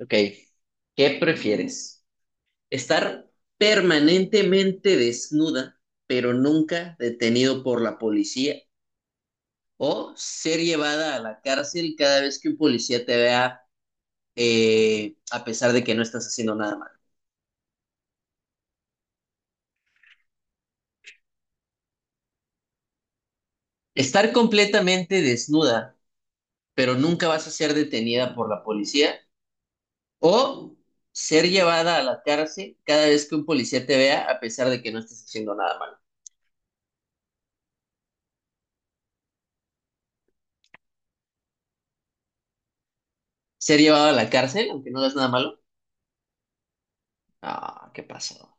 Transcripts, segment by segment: Ok, ¿qué prefieres? ¿Estar permanentemente desnuda, pero nunca detenido por la policía? ¿O ser llevada a la cárcel cada vez que un policía te vea, a pesar de que no estás haciendo nada malo? ¿Estar completamente desnuda, pero nunca vas a ser detenida por la policía? ¿O ser llevada a la cárcel cada vez que un policía te vea, a pesar de que no estés haciendo nada malo? ¿Ser llevada a la cárcel, aunque no hagas nada malo? Ah, ¿qué pasó?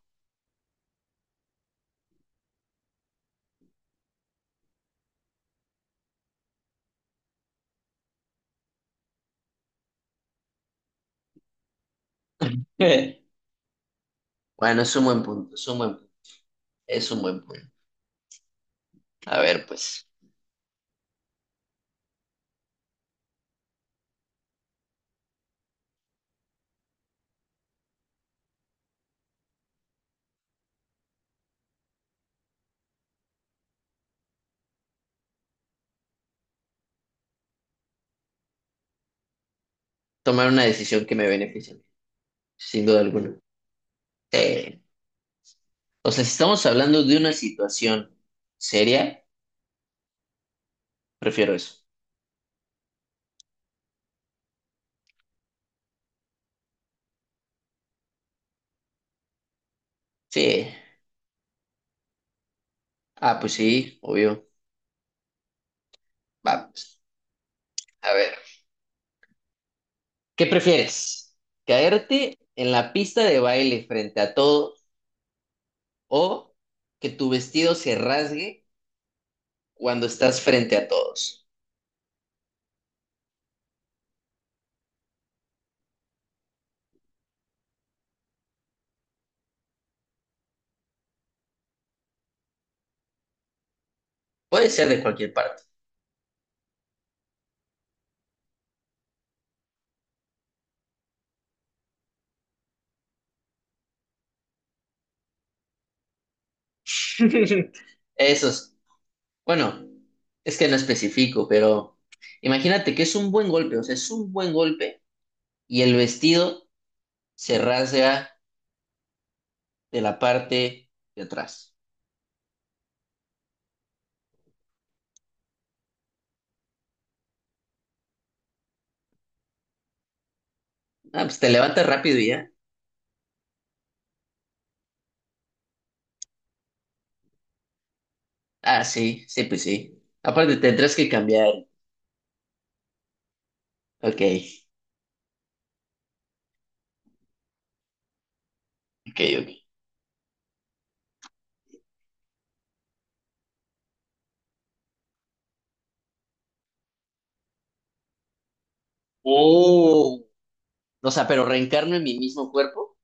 Eh, Bueno, es un buen punto, es un buen punto, es un buen punto. A ver, pues, tomar una decisión que me beneficie, sin duda alguna. Sí. O sea, si estamos hablando de una situación seria, prefiero eso. Sí. Ah, pues sí, obvio. Vamos. A ver, ¿qué prefieres? ¿Caerte en la pista de baile frente a todos o que tu vestido se rasgue cuando estás frente a todos? Puede ser de cualquier parte. Eso. Bueno, es que no especifico, pero imagínate que es un buen golpe, o sea, es un buen golpe y el vestido se rasga de la parte de atrás. Ah, pues te levantas rápido y ya. Ah, sí, sí, pues sí. Aparte tendrás que cambiar. Ok, ok, ok. Oh, o sea, pero reencarno en mi mismo cuerpo.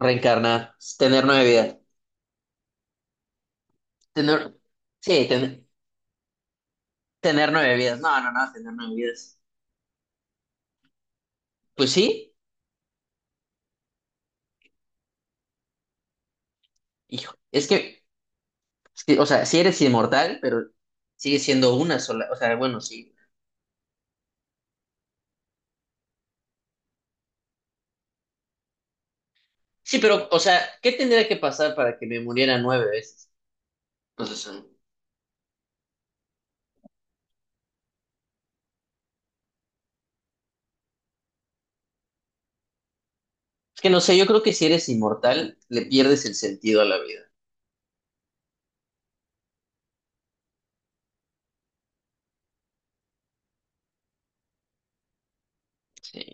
Reencarnar, tener nueve vidas. Tener, sí, tener nueve vidas. No, no, no, tener nueve vidas. Pues sí, hijo, es que. O sea, si eres inmortal, pero sigue siendo una sola. O sea, bueno, sí. Sí, pero, o sea, ¿qué tendría que pasar para que me muriera nueve veces? Entonces, mm, es que no sé, yo creo que si eres inmortal, le pierdes el sentido a la vida. Sí.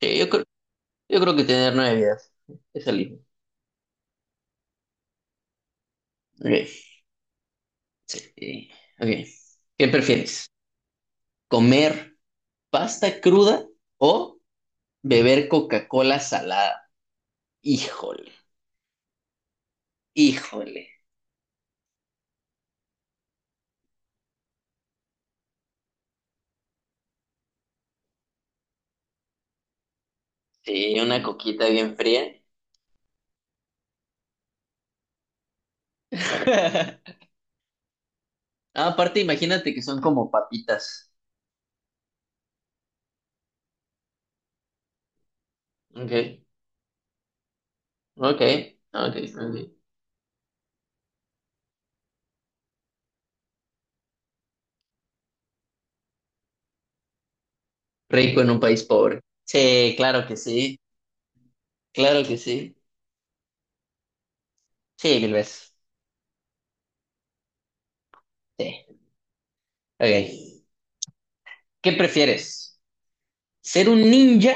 Sí, yo creo que tener nueve vidas es el límite. Ok, sí, sí, ok. ¿Qué prefieres? ¿Comer pasta cruda o beber Coca-Cola salada? Híjole, híjole. Sí, una coquita bien fría. Ah, aparte, imagínate que son como papitas. Ok, ok, ok, ok. Rico en un país pobre. Sí, claro que sí, claro que sí. Sí, mil veces. Sí. Ok. ¿Qué prefieres? ¿Ser un ninja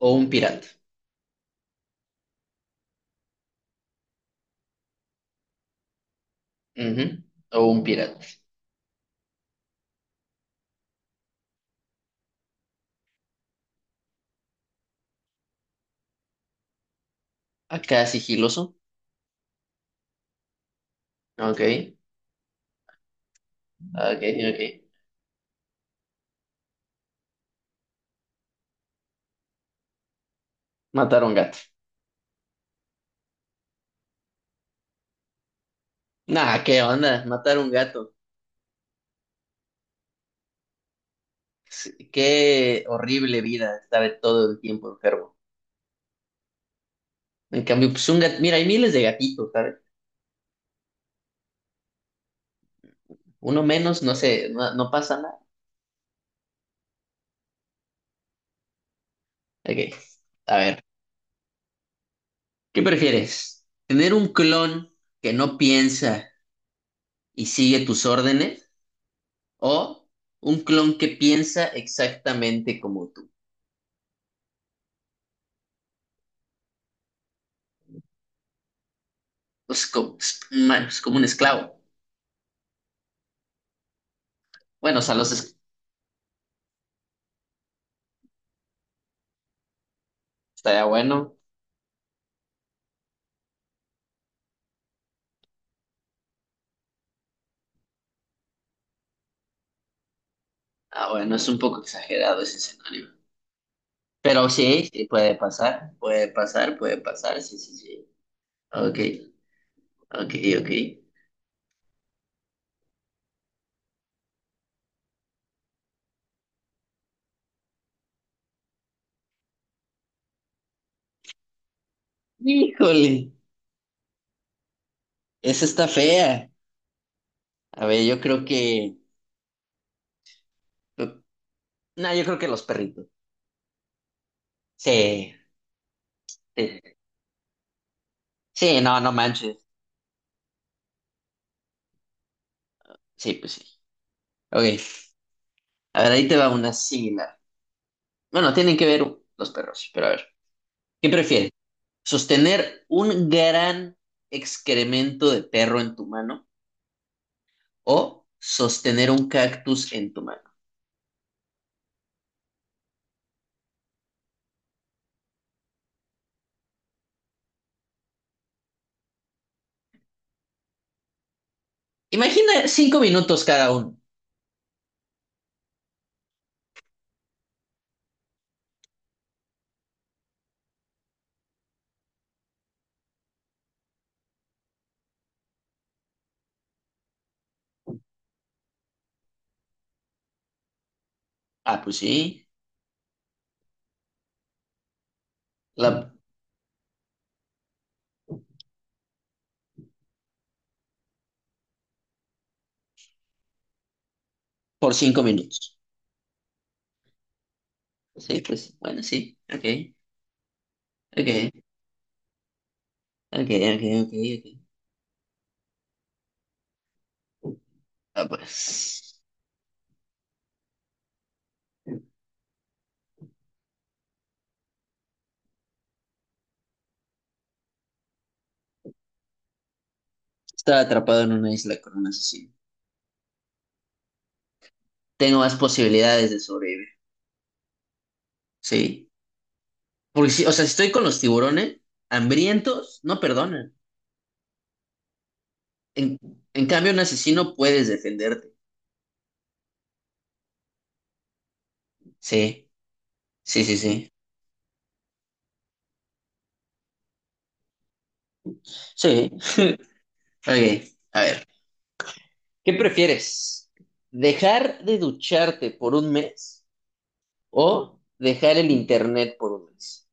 o un pirata? Ujú, o un pirata. Acá sigiloso. Ok, ok, ok. Matar a un gato. Nah, ¿qué onda? Matar a un gato. Sí, qué horrible vida estar todo el tiempo enfermo. En cambio, pues un gato. Mira, hay miles de gatitos, ¿sabes? Uno menos, no sé, no, no pasa nada. Ok, a ver, ¿qué prefieres? ¿Tener un clon que no piensa y sigue tus órdenes? ¿O un clon que piensa exactamente como tú? Pues como, es man, es como un esclavo. Bueno, o sea, estaría bueno. Ah, bueno, es un poco exagerado ese escenario. Pero sí, sí, puede pasar, puede pasar, puede pasar, sí, sí, sí. Ok, ok, ok. Híjole, esa está fea. A ver, yo creo que... No, yo creo que los perritos. Sí, sí, sí, no, no manches. Sí, pues sí. Ok, a ver, ahí te va una similar. Bueno, tienen que ver los perros, sí, pero a ver. ¿Qué prefieres? ¿Sostener un gran excremento de perro en tu mano o sostener un cactus en tu mano? Imagina 5 minutos cada uno. Ah, pues sí, la, por 5 minutos. Pues sí, pues bueno, sí. Ok, ok, ok, ok, ok, ok. Ah, pues. Estar atrapado en una isla con un asesino. Tengo más posibilidades de sobrevivir. Sí. Porque si, o sea, si estoy con los tiburones, hambrientos, no perdonan. En, en cambio, un asesino puedes defenderte. Sí, sí, sí, sí. Sí. Ok, a ver. ¿Qué prefieres? ¿Dejar de ducharte por un mes o dejar el internet por un mes?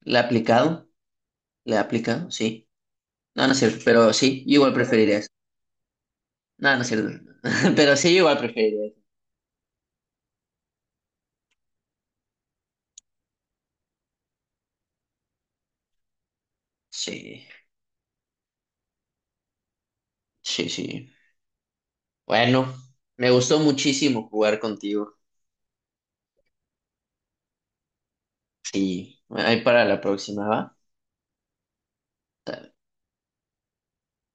¿Le ha aplicado? ¿Le ha aplicado? Sí. No, no es cierto, pero sí, yo igual preferiría eso. No, no es cierto. Pero sí, yo igual preferiría sí, sí, sí. Bueno, me gustó muchísimo jugar contigo. Sí, ahí para la próxima, ¿va?